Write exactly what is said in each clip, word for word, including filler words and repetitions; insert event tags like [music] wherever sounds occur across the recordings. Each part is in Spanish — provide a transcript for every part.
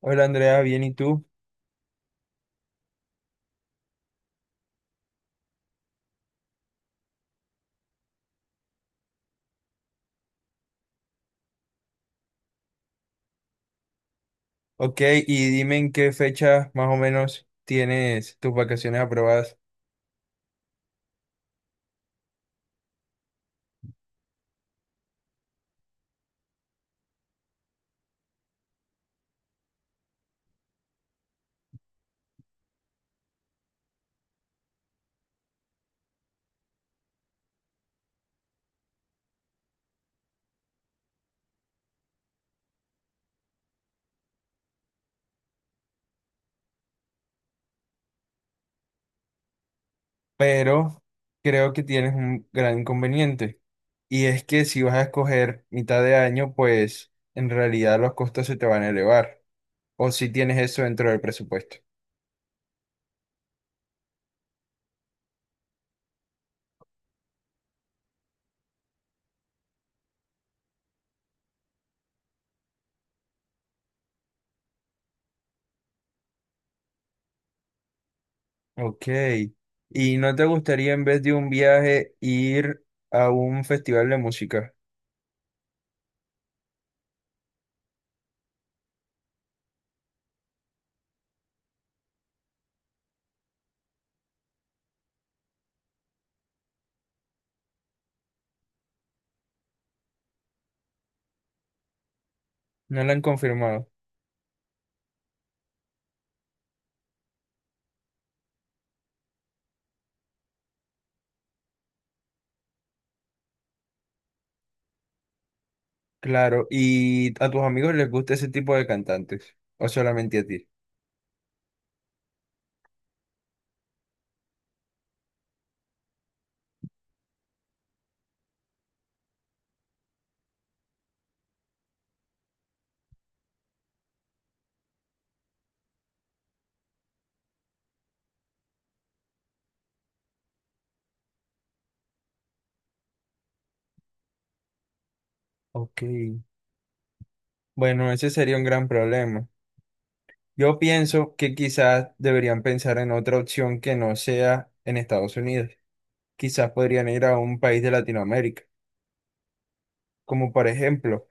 Hola Andrea, bien, ¿y tú? Ok, y dime en qué fecha más o menos tienes tus vacaciones aprobadas, pero creo que tienes un gran inconveniente y es que si vas a escoger mitad de año, pues en realidad los costos se te van a elevar o si tienes eso dentro del presupuesto. Ok, ¿y no te gustaría en vez de un viaje ir a un festival de música? No lo han confirmado. Claro, ¿y a tus amigos les gusta ese tipo de cantantes o solamente a ti? Ok. Bueno, ese sería un gran problema. Yo pienso que quizás deberían pensar en otra opción que no sea en Estados Unidos. Quizás podrían ir a un país de Latinoamérica, como por ejemplo,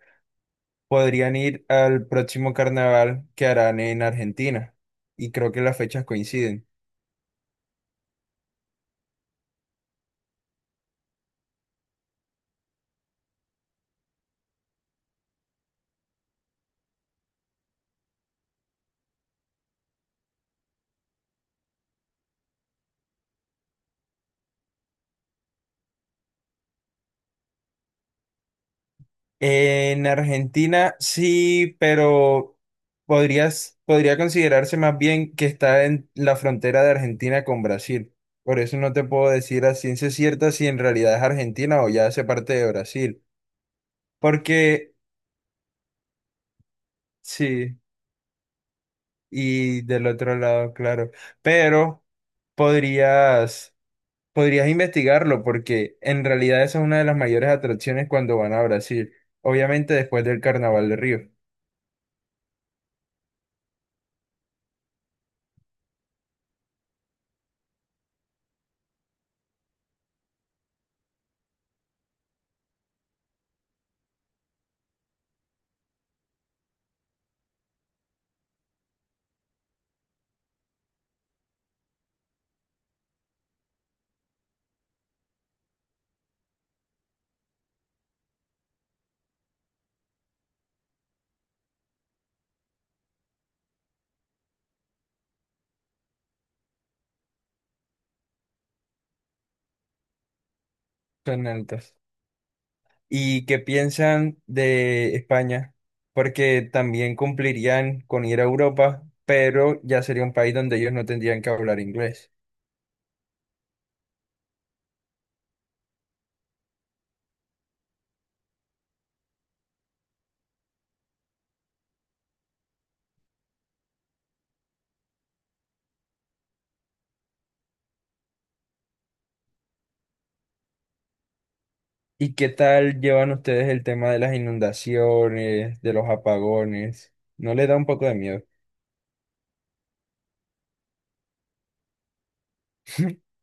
podrían ir al próximo carnaval que harán en Argentina. Y creo que las fechas coinciden. En Argentina sí, pero podrías, podría considerarse más bien que está en la frontera de Argentina con Brasil. Por eso no te puedo decir a ciencia cierta si en realidad es Argentina o ya hace parte de Brasil. Porque sí, y del otro lado, claro. Pero podrías, podrías investigarlo porque en realidad esa es una de las mayores atracciones cuando van a Brasil. Obviamente después del Carnaval de Río. Son altas. ¿Y qué piensan de España? Porque también cumplirían con ir a Europa, pero ya sería un país donde ellos no tendrían que hablar inglés. ¿Y qué tal llevan ustedes el tema de las inundaciones, de los apagones? ¿No les da un poco de miedo? [laughs]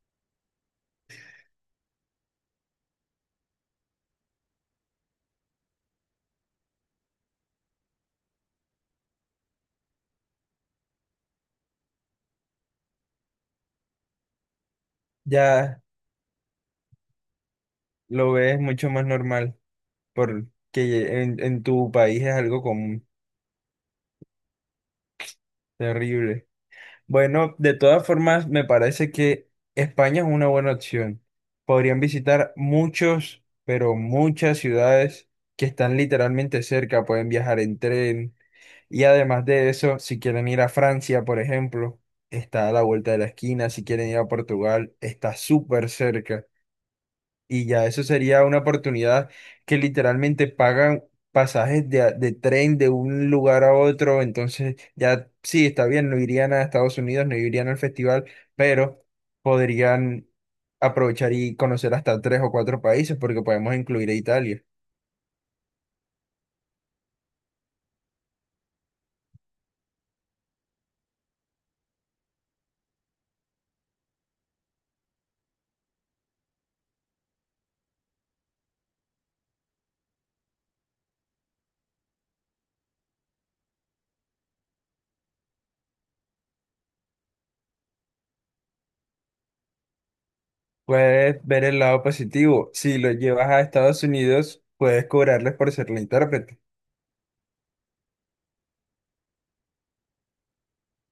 Ya lo ves mucho más normal, porque en, en tu país es algo común, terrible. Bueno, de todas formas, me parece que España es una buena opción. Podrían visitar muchos, pero muchas ciudades que están literalmente cerca, pueden viajar en tren. Y además de eso, si quieren ir a Francia, por ejemplo, está a la vuelta de la esquina. Si quieren ir a Portugal, está súper cerca. Y ya eso sería una oportunidad que literalmente pagan pasajes de, a- de tren de un lugar a otro. Entonces, ya sí, está bien, no irían a Estados Unidos, no irían al festival, pero podrían aprovechar y conocer hasta tres o cuatro países porque podemos incluir a Italia. Puedes ver el lado positivo. Si los llevas a Estados Unidos, puedes cobrarles por ser la intérprete.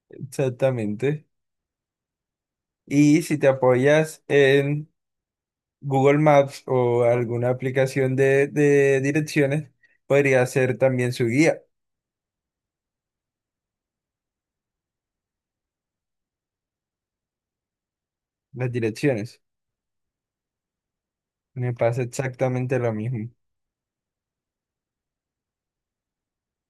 Exactamente. Y si te apoyas en Google Maps o alguna aplicación de, de direcciones podría ser también su guía, las direcciones. Me pasa exactamente lo mismo.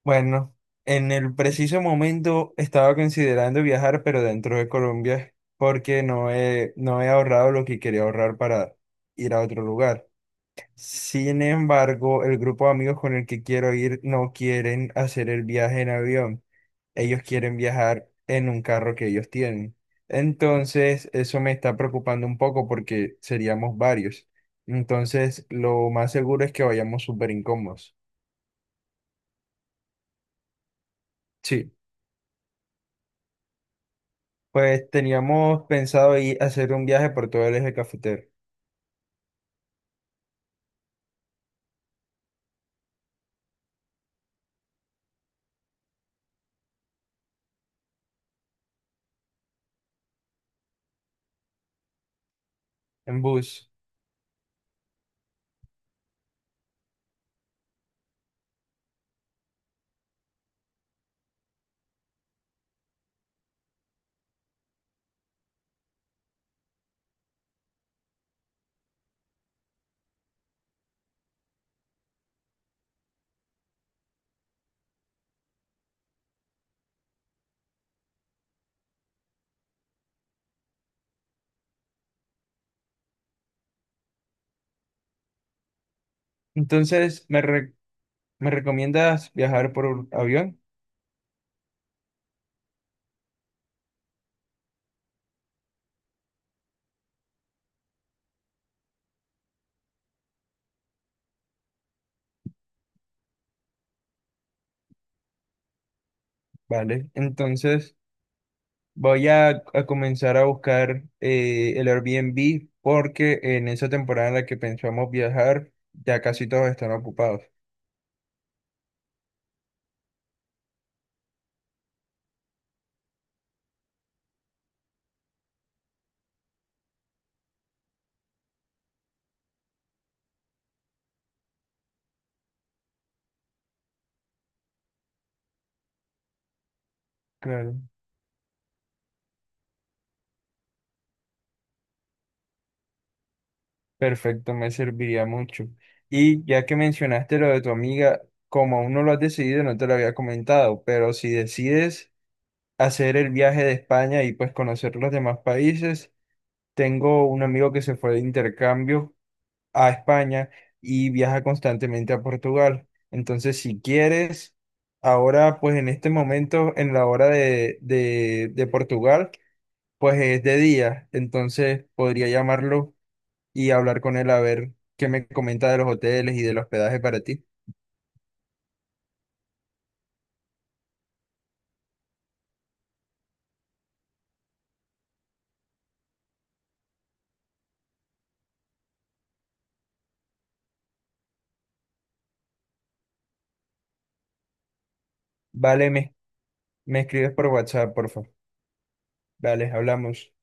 Bueno, en el preciso momento estaba considerando viajar, pero dentro de Colombia, porque no he, no he ahorrado lo que quería ahorrar para ir a otro lugar. Sin embargo, el grupo de amigos con el que quiero ir no quieren hacer el viaje en avión. Ellos quieren viajar en un carro que ellos tienen. Entonces, eso me está preocupando un poco porque seríamos varios. Entonces, lo más seguro es que vayamos súper incómodos. Sí, pues teníamos pensado ir a hacer un viaje por todo el eje cafetero en bus. Entonces, ¿me, re- me recomiendas viajar por avión? Vale, entonces... Voy a, a comenzar a buscar eh, el Airbnb porque en esa temporada en la que pensamos viajar ya casi todos están ocupados. Claro. Perfecto, me serviría mucho. Y ya que mencionaste lo de tu amiga, como aún no lo has decidido, no te lo había comentado, pero si decides hacer el viaje de España y pues conocer los demás países, tengo un amigo que se fue de intercambio a España y viaja constantemente a Portugal. Entonces, si quieres, ahora, pues en este momento, en la hora de, de, de Portugal, pues es de día. Entonces, podría llamarlo y hablar con él a ver qué me comenta de los hoteles y del hospedaje para ti. Vale, me, me escribes por WhatsApp, por favor. Vale, hablamos.